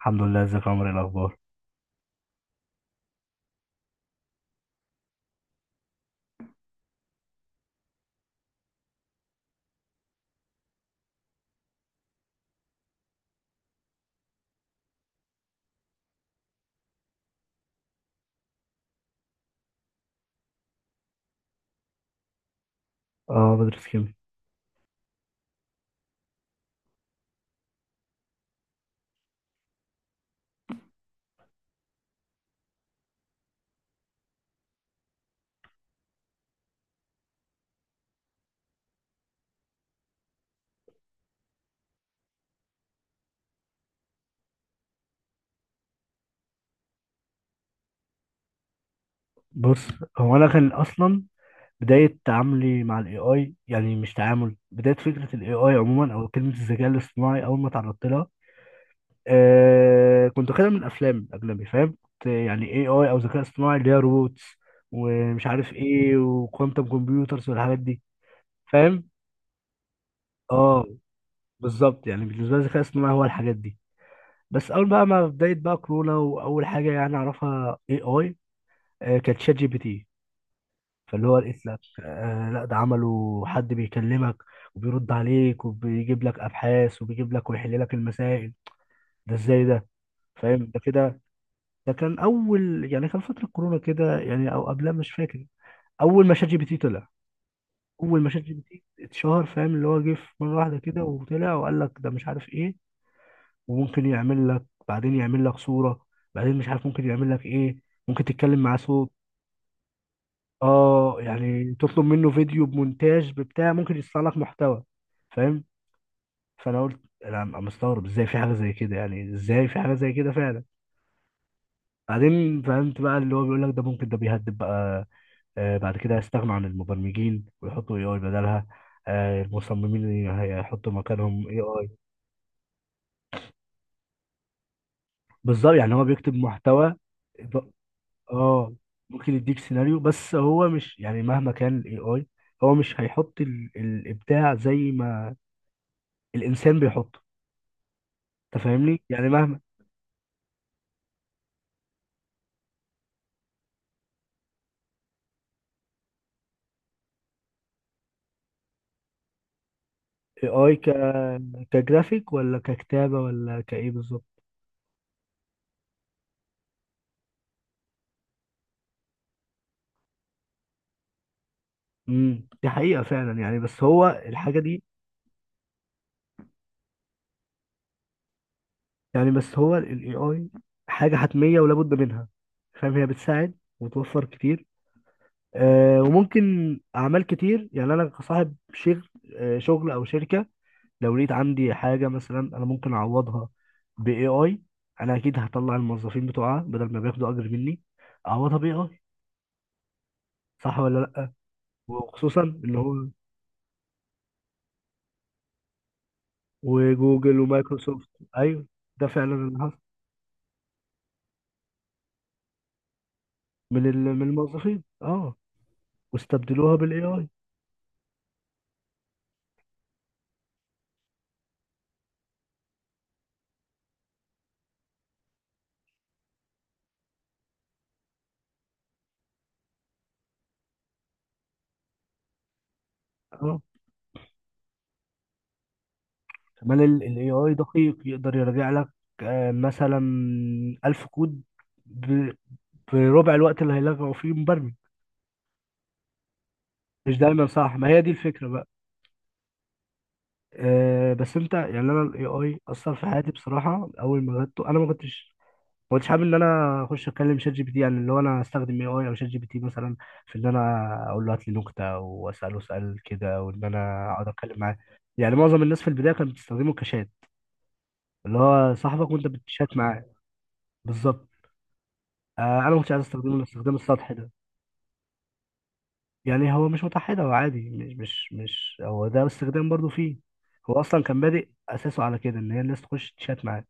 الحمد لله. ازيك يا عمر؟ ايه الاخبار؟ اه، بدرس كيمياء. بص، هو انا كان اصلا بدايه تعاملي مع الاي اي، يعني مش تعامل بدايه فكره الاي اي عموما، او كلمه الذكاء الاصطناعي اول ما تعرضت لها. كنت واخدها من الافلام الاجنبي، فاهم؟ كنت يعني اي اي او ذكاء اصطناعي اللي هي روبوتس ومش عارف ايه، وكوانتم كمبيوترز والحاجات دي. فاهم؟ اه، بالظبط. يعني بالنسبه لي الذكاء الاصطناعي هو الحاجات دي. بس اول بقى ما بدايه بقى كورونا واول حاجه يعني اعرفها اي اي كانت شات جي بي تي. فاللي هو لقيت لك، لا، ده عمله حد بيكلمك وبيرد عليك وبيجيب لك ابحاث، وبيجيب لك ويحل لك المسائل؟ ده ازاي ده؟ فاهم ده كده؟ ده كان اول يعني كان فتره كورونا كده، يعني او قبلها، مش فاكر. اول ما شات جي بي تي طلع، اول ما شات جي بي تي اتشهر، فاهم؟ اللي هو جه في مره واحده كده وطلع وقال لك ده مش عارف ايه. وممكن يعمل لك بعدين، يعمل لك صوره، بعدين مش عارف ممكن يعمل لك ايه، ممكن تتكلم معاه صوت. اه، يعني تطلب منه فيديو بمونتاج ببتاع، ممكن يصنع لك محتوى. فاهم؟ فانا قلت انا مستغرب ازاي في حاجه زي كده، يعني ازاي في حاجه زي كده فعلا. بعدين فهمت بقى اللي هو بيقول لك ده ممكن، ده بيهدد بقى. بعد كده هيستغنوا عن المبرمجين ويحطوا اي اي بدلها، المصممين هيحطوا مكانهم اي اي. بالظبط، يعني هو بيكتب محتوى. ب- اه، ممكن يديك سيناريو، بس هو مش يعني مهما كان الاي اي هو مش هيحط الابداع زي ما الانسان بيحطه. انت فاهمني؟ يعني مهما اي اي كجرافيك، ولا ككتابه، ولا كايه بالظبط؟ دي حقيقه فعلا يعني، بس هو الحاجه دي، يعني بس هو الاي اي حاجه حتميه ولا بد منها. فاهم؟ هي بتساعد وتوفر كتير، وممكن اعمال كتير، يعني انا كصاحب شغل، شغل او شركه، لو لقيت عندي حاجه مثلا انا ممكن اعوضها باي اي، انا اكيد هطلع الموظفين بتوعها بدل ما بياخدوا اجر مني، اعوضها باي اي. صح ولا لا؟ وخصوصا اللي هو وجوجل ومايكروسوفت. ايوه، ده فعلا اللي حصل. من من الموظفين، اه، واستبدلوها بالاي اي. اه، كمان الاي اي دقيق يقدر يراجع لك، مثلا 1000 كود ب- بربع الوقت اللي هيلغوا فيه مبرمج. مش دايما صح، ما هي دي الفكره بقى. بس انت يعني، انا الاي اي اثر في حياتي بصراحه. اول ما غدته انا ما كنتش حابب ان انا اخش اتكلم شات جي بي تي، يعني اللي هو انا استخدم اي اي او شات جي بي تي مثلا في ان انا اقول له هات لي نكته واساله سؤال كده، وان انا اقعد اتكلم معاه. يعني معظم الناس في البدايه كانت بتستخدمه كشات، اللي هو صاحبك وانت بتشات معاه. بالظبط. انا ما كنتش عايز استخدمه الاستخدام السطحي ده. يعني هو مش متحد، هو عادي، مش هو ده استخدام برضو فيه. هو اصلا كان بادئ اساسه على كده، ان هي الناس تخش تشات معاه.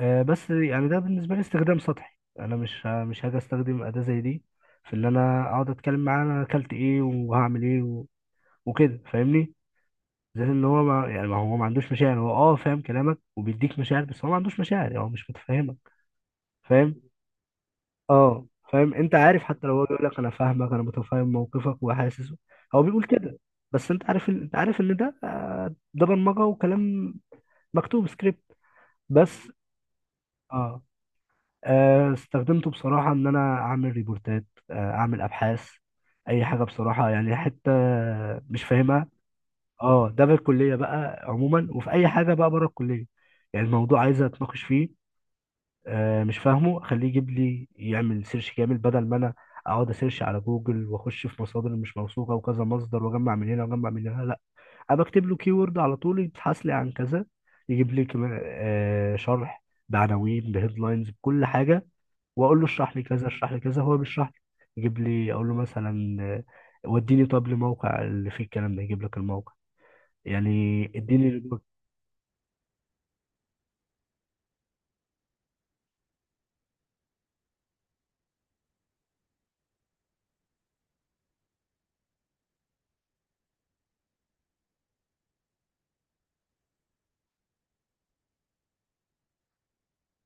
بس يعني ده بالنسبة لي استخدام سطحي، أنا مش هاجي أستخدم أداة زي دي في إن أنا أقعد أتكلم معاه، أنا أكلت إيه وهعمل إيه وكده، فاهمني؟ زي إن هو ما يعني، ما هو ما عندوش مشاعر. هو أه فاهم كلامك وبيديك مشاعر، بس هو ما عندوش مشاعر، يعني هو مش متفهمك. فاهم؟ أه فاهم. أنت عارف حتى لو هو بيقول لك أنا فاهمك، أنا متفهم موقفك وحاسس، هو بيقول كده، بس أنت عارف أنت عارف إن ده ده برمجة وكلام مكتوب سكريبت بس. أه، استخدمته بصراحة إن أنا أعمل ريبورتات، أعمل أبحاث، أي حاجة بصراحة. يعني حتة مش فاهمها، أه، ده في الكلية بقى عموما وفي أي حاجة بقى بره الكلية، يعني الموضوع عايز أتناقش فيه، مش فاهمه، أخليه يجيب لي يعمل سيرش كامل بدل ما أنا أقعد أسيرش على جوجل وأخش في مصادر مش موثوقة وكذا مصدر وأجمع من هنا وأجمع من هنا. لأ، أنا بكتب له كيورد على طول، يبحث لي عن كذا، يجيب لي كمان شرح بعناوين بهيدلاينز بكل حاجة، واقول له اشرح لي كذا، اشرح لي كذا، هو بيشرح لي. يجيب لي، اقول له مثلا وديني طب لموقع اللي فيه الكلام ده، يجيب لك الموقع، يعني اديني ريبورت.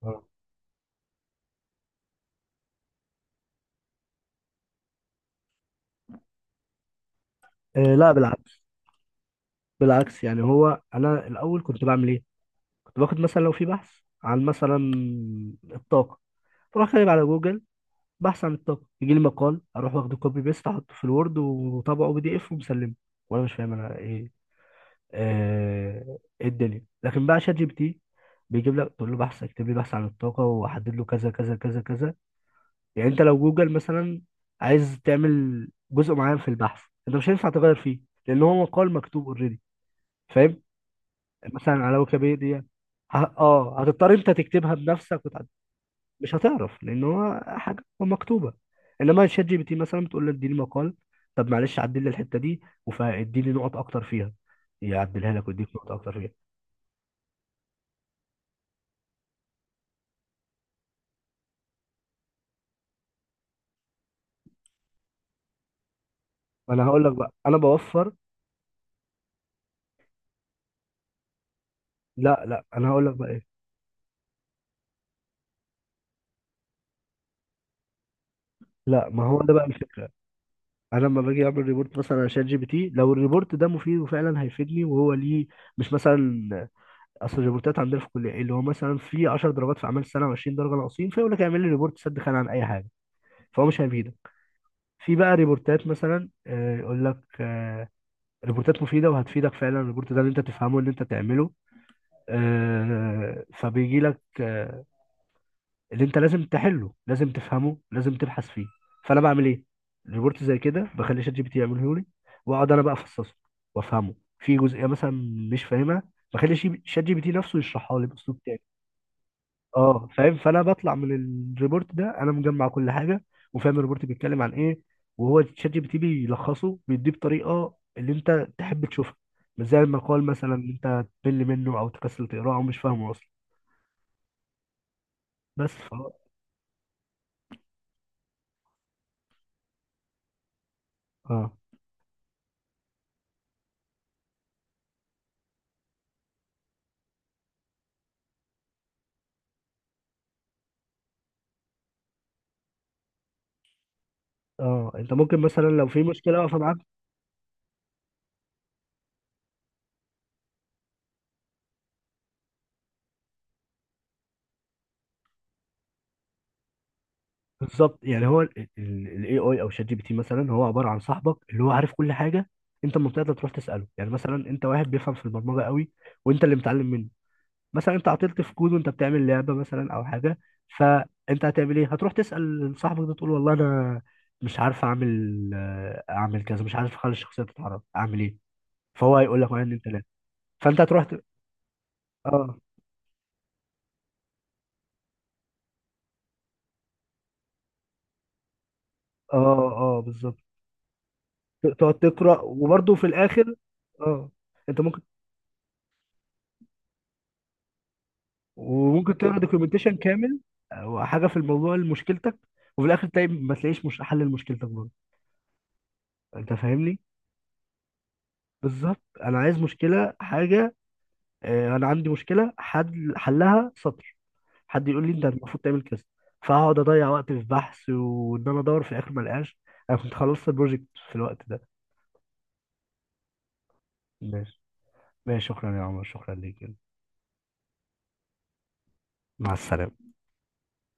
آه. آه لا، بالعكس. بالعكس، يعني هو انا الاول كنت بعمل ايه؟ كنت باخد مثلا لو في بحث عن مثلا الطاقه، بروح كاتب على جوجل بحث عن الطاقه، يجي لي مقال، اروح واخده كوبي بيست، احطه في الوورد وطبعه بي دي اف ومسلمه، وانا مش فاهم انا ايه آه، الدنيا. لكن بقى شات جي بي تي بيجيب لك، تقول له بحث، اكتب لي بحث عن الطاقة، واحدد له كذا كذا كذا كذا. يعني انت لو جوجل مثلا عايز تعمل جزء معين في البحث، انت مش هينفع تغير فيه، لان هو مقال مكتوب اوريدي. فاهم؟ مثلا على ويكيبيديا، اه هتضطر انت تكتبها بنفسك مش هتعرف، لان هو حاجة مكتوبة. انما شات جي بي تي مثلا بتقول له اديني مقال، طب معلش عدل لي الحتة دي واديني نقط اكتر فيها، يعدلها لك ويديك نقط اكتر فيها. ما انا هقول لك بقى، انا بوفر. لا لا، انا هقول لك بقى ايه. لا، ما هو ده بقى الفكره. انا لما باجي اعمل ريبورت مثلا على شات جي بي تي، لو الريبورت ده مفيد وفعلا هيفيدني وهو ليه، مش مثلا، اصل الريبورتات عندنا في الكليه، اللي هو مثلا في 10 درجات في اعمال السنه و20 درجه ناقصين، فيقول لك اعمل لي ريبورت سد خانه عن اي حاجه، فهو مش هيفيدك. في بقى ريبورتات مثلا، يقول لك ريبورتات مفيده وهتفيدك فعلا، الريبورت ده اللي انت تفهمه، اللي انت تعمله، فبيجي لك اللي انت لازم تحله، لازم تفهمه، لازم تبحث فيه. فانا بعمل ايه؟ ريبورت زي كده بخلي شات جي بي تي يعمله لي، واقعد انا بقى افصصه وافهمه. في جزئيه مثلا مش فاهمها، بخلي شات جي بي تي نفسه يشرحها لي باسلوب تاني. اه فاهم؟ فانا بطلع من الريبورت ده انا مجمع كل حاجه، وفاهم الريبورت بيتكلم عن ايه، وهو شات جي بي تي بيلخصه بيديه بطريقه اللي انت تحب تشوفها، مش زي المقال مثلا اللي انت تمل منه او تكسل تقراه او مش فاهمه اصلا. بس اه، اه، انت ممكن مثلا لو في مشكله واقفه معاك. بالظبط، يعني هو الاي اي او شات جي بي تي مثلا، هو عباره عن صاحبك اللي هو عارف كل حاجه، انت لما بتقدر تروح تساله. يعني مثلا انت واحد بيفهم في البرمجه قوي وانت اللي متعلم منه، مثلا انت عطلت في كود وانت بتعمل لعبه مثلا او حاجه، فانت هتعمل ايه؟ هتروح تسال صاحبك ده، تقول والله انا مش عارف اعمل، اعمل كذا، مش عارف اخلي الشخصيه تتحرك، اعمل ايه؟ فهو هيقول لك واحد اتنين تلاته. فانت هتروح اه، اه، اه بالظبط. تقعد تقرا وبرده في الاخر، اه انت ممكن، وممكن تقرا دوكيومنتيشن كامل او حاجه في الموضوع لمشكلتك، وفي الاخر تلاقي ما تلاقيش، مش حل لمشكلتك برضه. انت فاهمني؟ بالظبط. انا عايز مشكله، حاجه، انا عندي مشكله، حد حلها سطر، حد يقول لي انت المفروض تعمل كذا. فهقعد اضيع وقت في بحث وان انا ادور، في الاخر ما الاقاش. انا كنت خلصت البروجكت في الوقت ده. ماشي. ماشي، شكرا يا عمر، شكرا ليك. مع السلامه.